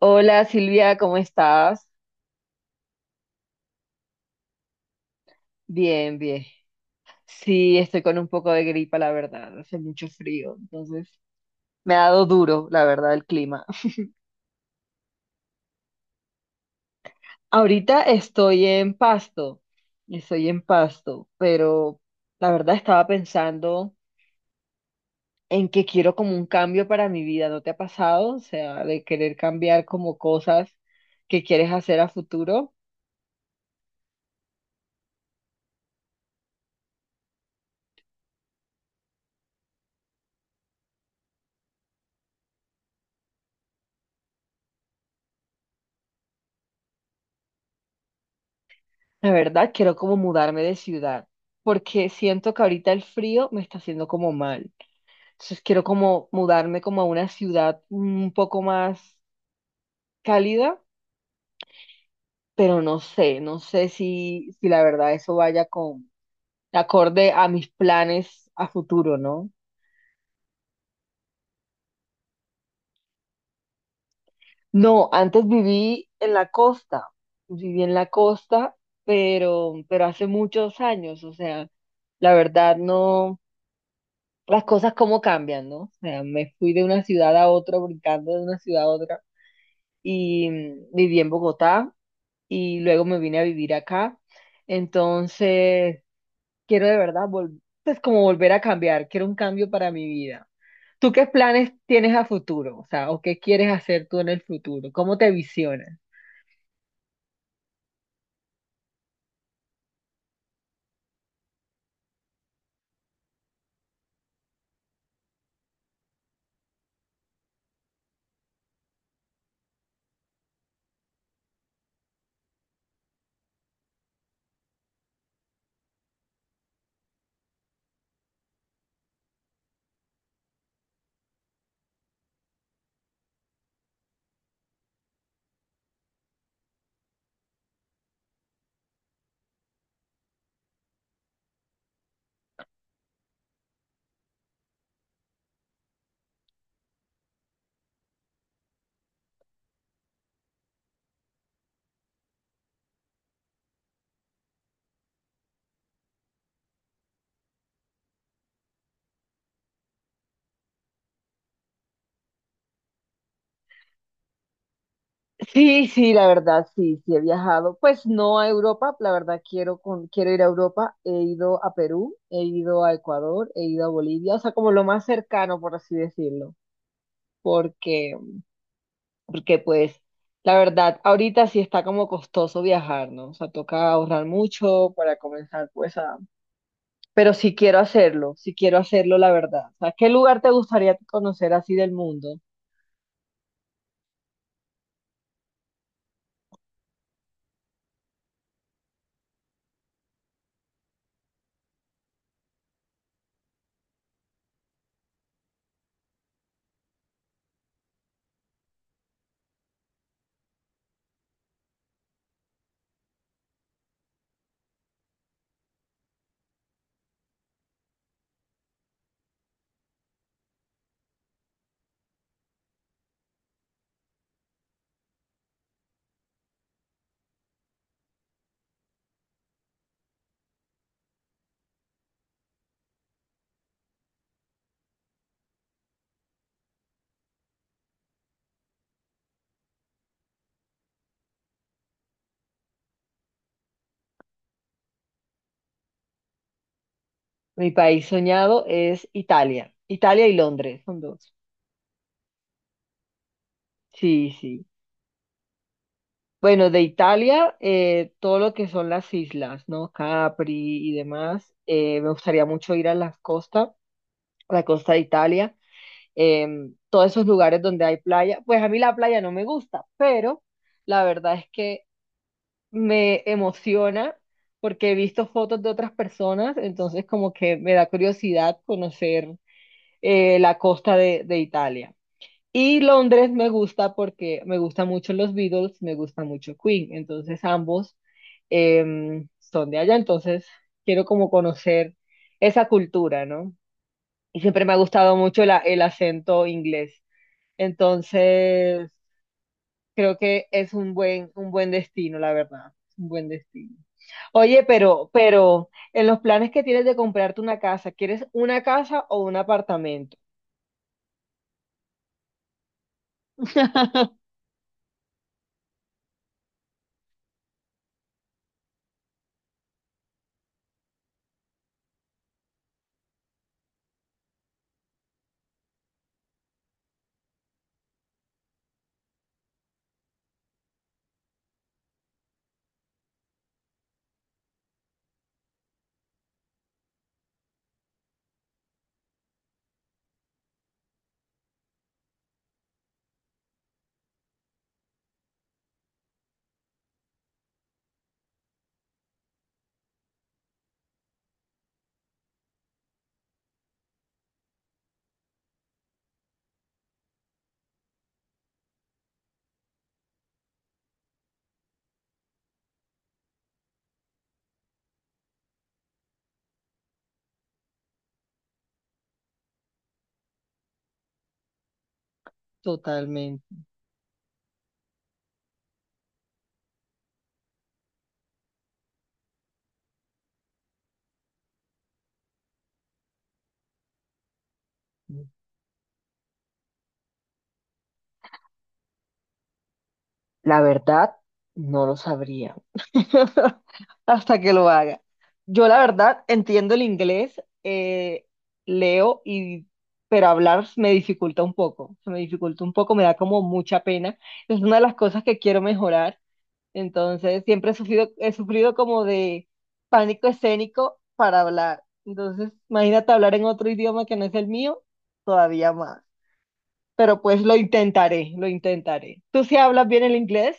Hola Silvia, ¿cómo estás? Bien, bien. Sí, estoy con un poco de gripa, la verdad. Hace mucho frío, entonces me ha dado duro, la verdad, el clima. Ahorita estoy en Pasto, pero la verdad estaba pensando en que quiero como un cambio para mi vida. ¿No te ha pasado? O sea, de querer cambiar como cosas que quieres hacer a futuro. La verdad, quiero como mudarme de ciudad, porque siento que ahorita el frío me está haciendo como mal. Entonces quiero como mudarme como a una ciudad un poco más cálida, pero no sé, no sé si la verdad eso vaya con acorde a mis planes a futuro, ¿no? No, antes viví en la costa, viví en la costa, pero hace muchos años, o sea, la verdad no, las cosas cómo cambian, ¿no? O sea, me fui de una ciudad a otra, brincando de una ciudad a otra, y viví en Bogotá y luego me vine a vivir acá. Entonces, quiero de verdad, pues como volver a cambiar, quiero un cambio para mi vida. ¿Tú qué planes tienes a futuro? O sea, ¿o qué quieres hacer tú en el futuro? ¿Cómo te visionas? Sí, sí, la verdad, sí, sí he viajado. Pues no a Europa, la verdad quiero quiero ir a Europa. He ido a Perú, he ido a Ecuador, he ido a Bolivia, o sea, como lo más cercano, por así decirlo, porque pues la verdad, ahorita sí está como costoso viajar, ¿no? O sea, toca ahorrar mucho para comenzar pues a... Pero sí quiero hacerlo, la verdad. O sea, ¿qué lugar te gustaría conocer así del mundo? Mi país soñado es Italia. Italia y Londres son dos. Sí, sí. Bueno, de Italia, todo lo que son las islas, ¿no? Capri y demás. Me gustaría mucho ir a las costas, a la costa de Italia. eh, todos esos lugares donde hay playa. Pues a mí la playa no me gusta, pero la verdad es que me emociona porque he visto fotos de otras personas, entonces como que me da curiosidad conocer la costa de Italia. Y Londres me gusta porque me gustan mucho los Beatles, me gusta mucho Queen, entonces ambos son de allá, entonces quiero como conocer esa cultura, ¿no? Y siempre me ha gustado mucho el acento inglés. Entonces, creo que es un buen destino, la verdad. Un buen destino. Oye, pero en los planes que tienes de comprarte una casa, ¿quieres una casa o un apartamento? Totalmente. La verdad, no lo sabría hasta que lo haga. Yo la verdad entiendo el inglés, leo y pero hablar me dificulta un poco, se me dificulta un poco, me da como mucha pena. Es una de las cosas que quiero mejorar. Entonces, siempre he sufrido como de pánico escénico para hablar. Entonces, imagínate hablar en otro idioma que no es el mío, todavía más. Pero pues lo intentaré, lo intentaré. ¿Tú sí hablas bien el inglés?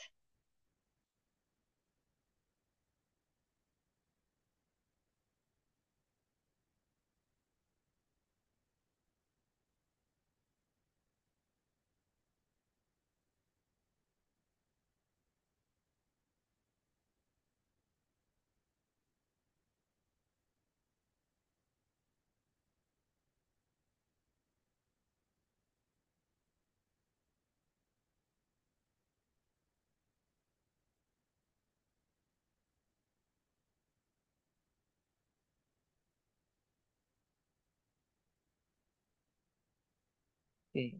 Sí.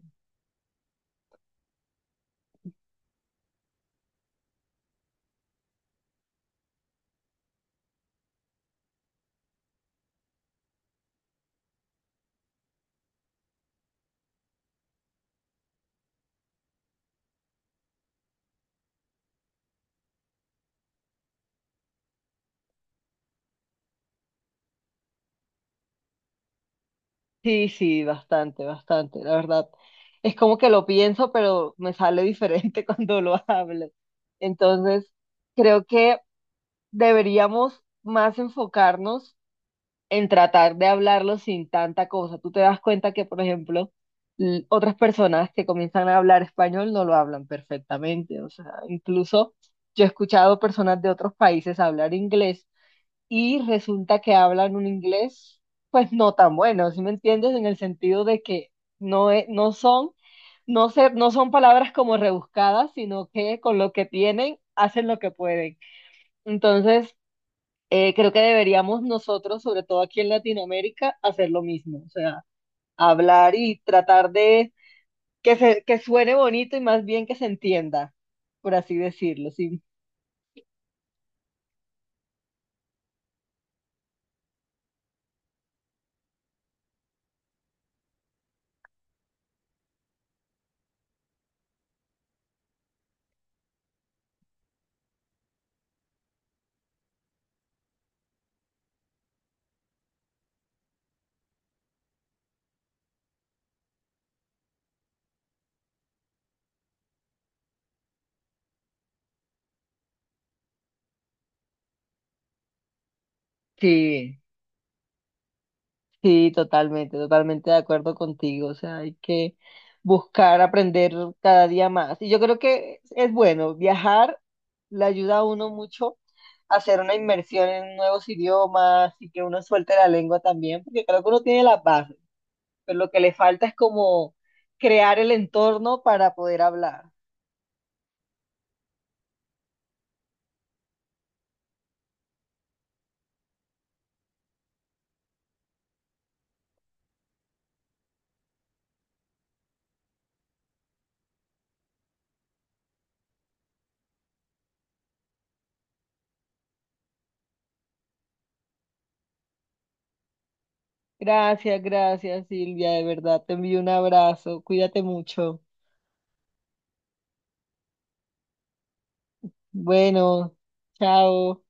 Sí, sí, bastante, bastante, la verdad. Es como que lo pienso, pero me sale diferente cuando lo hablo. Entonces, creo que deberíamos más enfocarnos en tratar de hablarlo sin tanta cosa. Tú te das cuenta que, por ejemplo, otras personas que comienzan a hablar español no lo hablan perfectamente. O sea, incluso yo he escuchado personas de otros países hablar inglés y resulta que hablan un inglés, pues no tan bueno, ¿sí me entiendes? En el sentido de que no, e- no son, no son palabras como rebuscadas, sino que con lo que tienen hacen lo que pueden. Entonces, creo que deberíamos nosotros, sobre todo aquí en Latinoamérica, hacer lo mismo, o sea, hablar y tratar de que suene bonito y más bien que se entienda, por así decirlo, sí. Sí, sí, totalmente, totalmente de acuerdo contigo, o sea, hay que buscar aprender cada día más. Y yo creo que es bueno, viajar le ayuda a uno mucho a hacer una inmersión en nuevos idiomas y que uno suelte la lengua también, porque creo que uno tiene las bases. Pero lo que le falta es como crear el entorno para poder hablar. Gracias, gracias, Silvia, de verdad. Te envío un abrazo. Cuídate mucho. Bueno, chao.